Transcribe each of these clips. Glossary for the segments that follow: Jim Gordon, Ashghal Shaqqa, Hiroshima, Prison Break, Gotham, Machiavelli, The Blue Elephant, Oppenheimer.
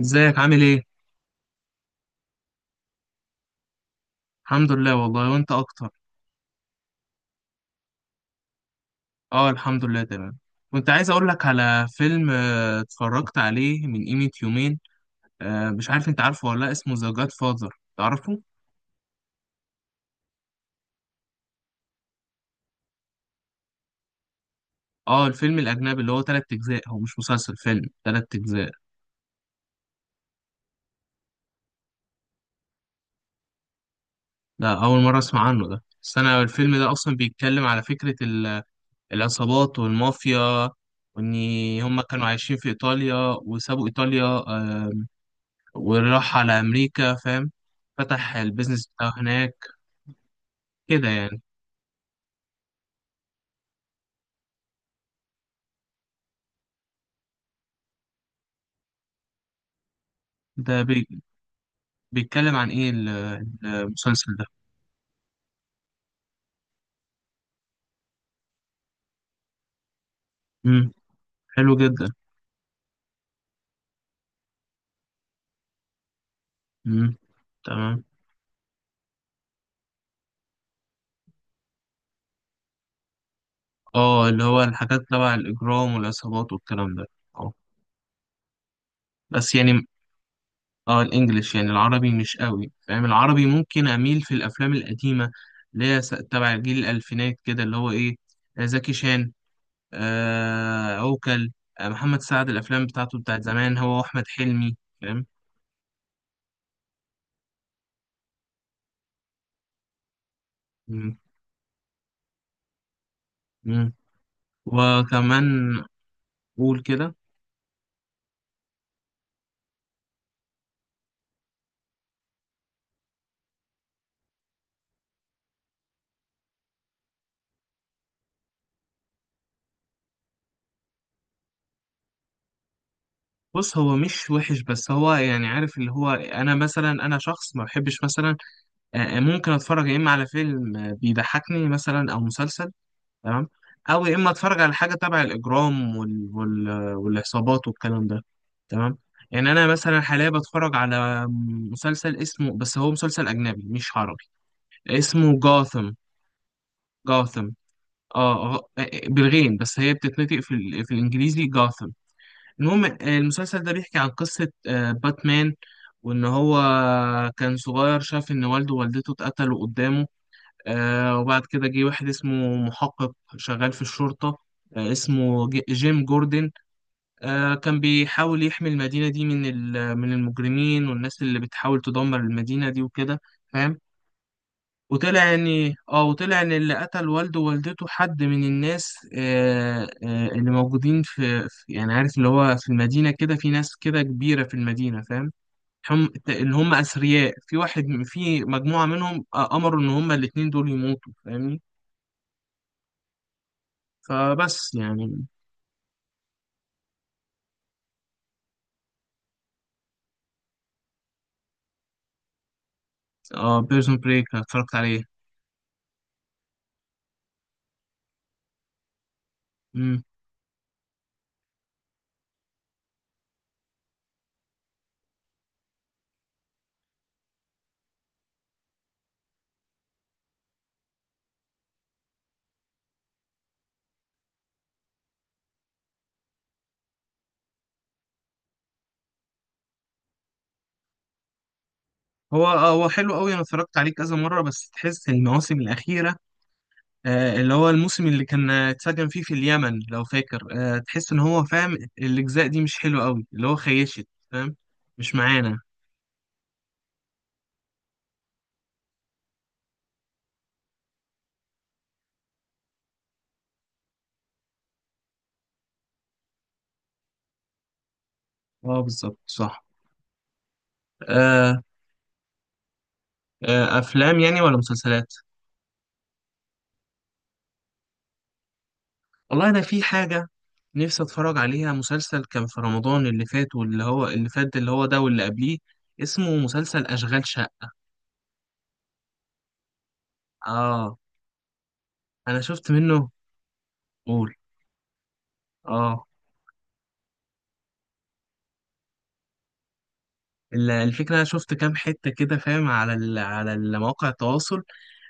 ازيك عامل ايه؟ الحمد لله والله، وانت اكتر. اه، الحمد لله تمام. كنت عايز اقول لك على فيلم، اتفرجت عليه من قيمة يومين. مش عارف انت عارفه ولا لا، اسمه ذا جاد فاذر، تعرفه؟ اه، الفيلم الاجنبي اللي هو 3 اجزاء، هو مش مسلسل، فيلم 3 اجزاء. ده اول مرة اسمع عنه ده، بس انا الفيلم ده اصلا بيتكلم على فكرة العصابات والمافيا، وان هم كانوا عايشين في ايطاليا وسابوا ايطاليا، وراح على امريكا، فاهم. فتح البيزنس بتاعه هناك. كده يعني. ده بي... بيتكلم عن ايه المسلسل ده. امم. حلو جدا. امم. تمام. اه، اللي هو الحاجات تبع الاجرام والعصابات والكلام ده. اه. بس يعني. اه، الانجليش يعني، العربي مش قوي فاهم، العربي ممكن اميل في الافلام القديمه اللي هي تبع جيل الالفينات كده، اللي هو ايه، زكي شان، عوكل، محمد سعد، الافلام بتاعته بتاعت زمان، هو واحمد حلمي، فاهم. امم. امم. وكمان. قول كده. بص، هو مش وحش، بس هو يعني، عارف اللي هو انا مثلا، انا شخص ما بحبش مثلا، ممكن اتفرج يا اما على فيلم، بيضحكني مثلا، او مسلسل، تمام. او يا اما اتفرج على حاجه تبع الاجرام والعصابات والكلام ده، تمام. يعني انا مثلا حاليا بتفرج على مسلسل، اسمه، بس هو مسلسل اجنبي مش عربي. اسمه جاثم. جاثم. اه. آه، بالغين، بس هي بتتنطق في الانجليزي جاثم. المهم، المسلسل ده بيحكي عن قصة، باتمان. وإن هو كان صغير، شاف إن والده ووالدته اتقتلوا قدامه. وبعد كده جه واحد اسمه محقق، شغال في الشرطة، اسمه جيم جوردن. كان بيحاول يحمي المدينة دي من المجرمين والناس اللي بتحاول تدمر المدينة دي وكده، فاهم. وطلع ان اللي قتل والده ووالدته حد من الناس، اللي موجودين في يعني، عارف اللي هو، في المدينة كده في ناس كده كبيرة في المدينة، فاهم. هم اللي هم أثرياء، في واحد في مجموعة منهم، أمروا إن هم الاتنين دول يموتوا، فاهمني. فبس يعني. اه، بيرسون بريك اتفرجت عليه. مم. هو، هو حلو قوي، انا اتفرجت عليه كذا مرة، بس تحس المواسم الأخيرة، اللي هو الموسم اللي كان اتسجن فيه في اليمن، لو فاكر، تحس ان هو فاهم، الاجزاء دي مش حلوه قوي، اللي هو خيشت، فاهم. مش معانا. اه بالظبط، صح. آه. آه، افلام يعني ولا مسلسلات؟ والله انا في حاجه نفسي اتفرج عليها، مسلسل كان في رمضان اللي فات، واللي هو اللي فات ده، اللي هو ده، واللي قبليه، اسمه، مسلسل اشغال شقه. اه. انا شفت منه. قول. اه. الفكرة، أنا شفت كام حتة كده فاهم، على مواقع التواصل،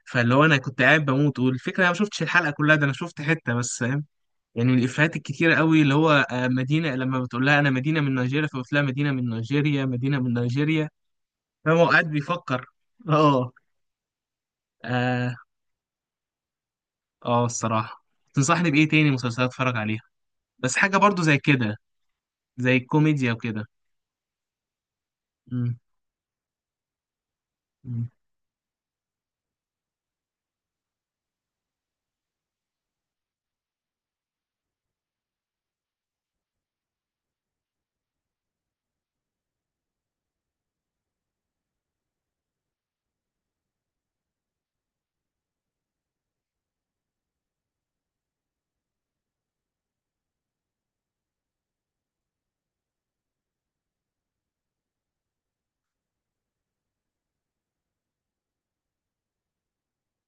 فاللي هو أنا كنت قاعد بموت، والفكرة أنا ما شفتش الحلقة كلها، ده أنا شفت حتة بس، فاهم. يعني من الإفيهات الكتيرة قوي، اللي هو مدينة لما بتقول لها أنا مدينة من نيجيريا، فبتقول لها مدينة من نيجيريا، مدينة من نيجيريا، فاهم. هو قاعد بيفكر. أه. أه. أه، الصراحة، تنصحني بإيه تاني مسلسلات أتفرج عليها؟ بس حاجة برضو زي كده، زي الكوميديا وكده. مم.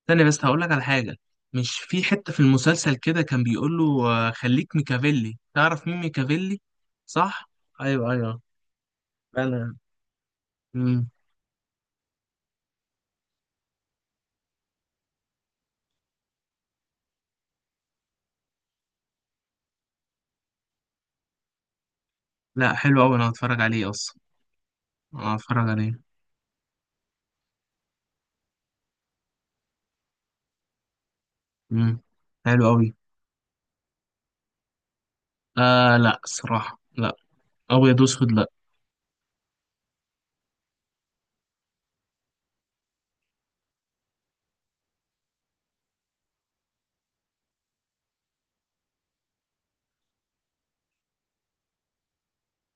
ثانية بس هقول لك على حاجة. مش في حتة في المسلسل كده كان بيقول له، خليك ميكافيلي، تعرف مين ميكافيلي؟ صح. ايوه، ايوه. انا. مم. لا، حلو قوي، انا هتفرج عليه اصلا. أنا هتفرج عليه. مم. حلو قوي. لا الصراحة، لا. ابيض واسود لا.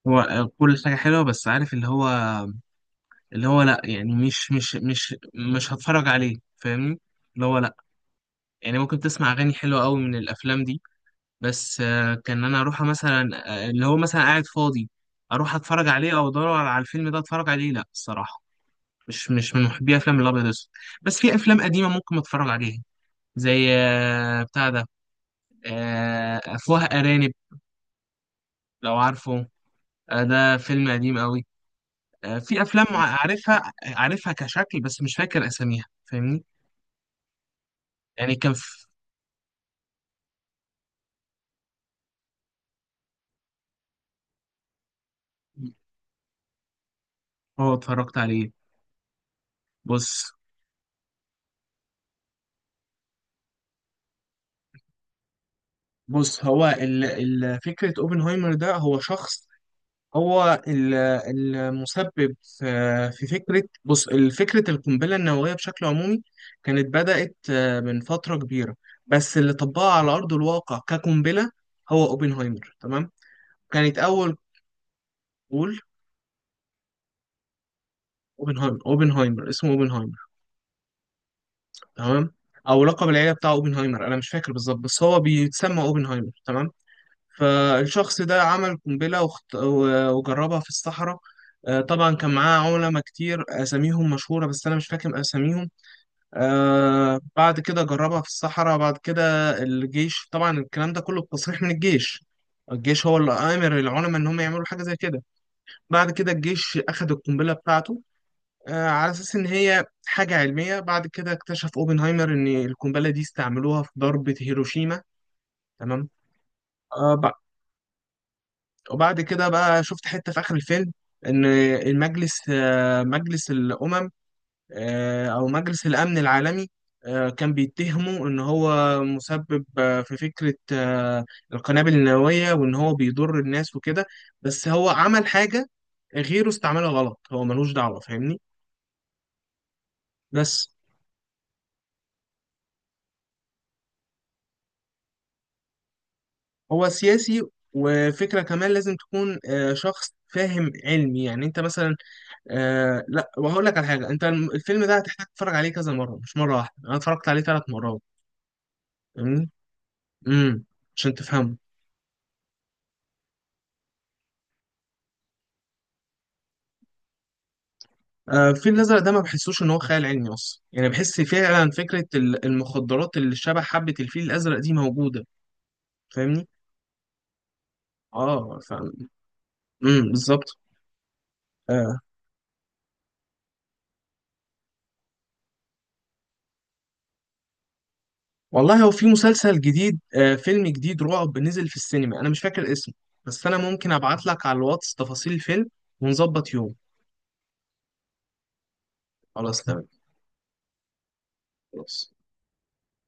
هو كل حاجة حلوة، بس عارف اللي هو، اللي هو لا يعني، مش مش هتفرج عليه، فاهمني. اللي هو لا. يعني ممكن تسمع اغاني حلوة قوي من الافلام دي، بس كان انا اروح مثلا، اللي هو مثلا قاعد فاضي، اروح اتفرج عليه، او ادور على الفيلم ده اتفرج عليه. لا، الصراحه، مش من محبي افلام الابيض والاسود. بس في افلام قديمه ممكن اتفرج عليها، زي بتاع ده، افواه ارانب، لو عارفه، ده فيلم قديم قوي. في افلام عارفها عارفها كشكل، بس مش فاكر اساميها، فاهمني. يعني هو، اتفرجت عليه. بص بص، هو فكرة اوبنهايمر ده، هو شخص، هو المسبب في فكرة. بص، فكرة القنبلة النووية بشكل عمومي كانت بدأت من فترة كبيرة، بس اللي طبقها على أرض الواقع كقنبلة هو أوبنهايمر، تمام. كانت أول. قول. أوبنهايمر. أوبنهايمر، اسمه أوبنهايمر، تمام. أو لقب العيلة بتاع أوبنهايمر، أنا مش فاكر بالظبط، بس هو بيتسمى أوبنهايمر، تمام. فالشخص ده عمل قنبلة، وجربها في الصحراء. طبعا كان معاه علماء كتير، اساميهم مشهوره، بس انا مش فاكر اساميهم. بعد كده جربها في الصحراء، بعد كده الجيش، طبعا الكلام ده كله بتصريح من الجيش، الجيش هو اللي آمر العلماء إن هم يعملوا حاجة زي كده. بعد كده الجيش أخد القنبلة بتاعته، آه، على أساس إن هي حاجة علمية. بعد كده اكتشف أوبنهايمر إن القنبلة دي استعملوها في ضربة هيروشيما، تمام. آه بع- وبعد كده بقى شفت حتة في آخر الفيلم، إن المجلس آه مجلس الأمم، أو مجلس الأمن العالمي، كان بيتهمه إن هو مسبب في فكرة القنابل النووية، وإن هو بيضر الناس وكده. بس هو عمل حاجة، غيره استعملها غلط، هو ملوش دعوة، فاهمني. بس. هو سياسي، وفكرة كمان لازم تكون شخص فاهم علمي. يعني انت مثلا، لا، وهقول لك على حاجة، انت الفيلم ده هتحتاج تتفرج عليه كذا مرة، مش مرة واحدة، انا اتفرجت عليه 3 مرات، فاهمني. امم. عشان تفهمه. الفيل الأزرق ده، ما بحسوش إن هو خيال علمي أصلا، يعني بحس فعلا فكرة المخدرات اللي شبه حبة الفيل الأزرق دي موجودة، فاهمني؟ آه، فاهم. امم، بالظبط. آه. والله هو في مسلسل جديد آه فيلم جديد رعب نزل في السينما، أنا مش فاكر اسمه، بس أنا ممكن أبعت لك على الواتس تفاصيل الفيلم ونظبط يوم. خلاص تمام. خلاص.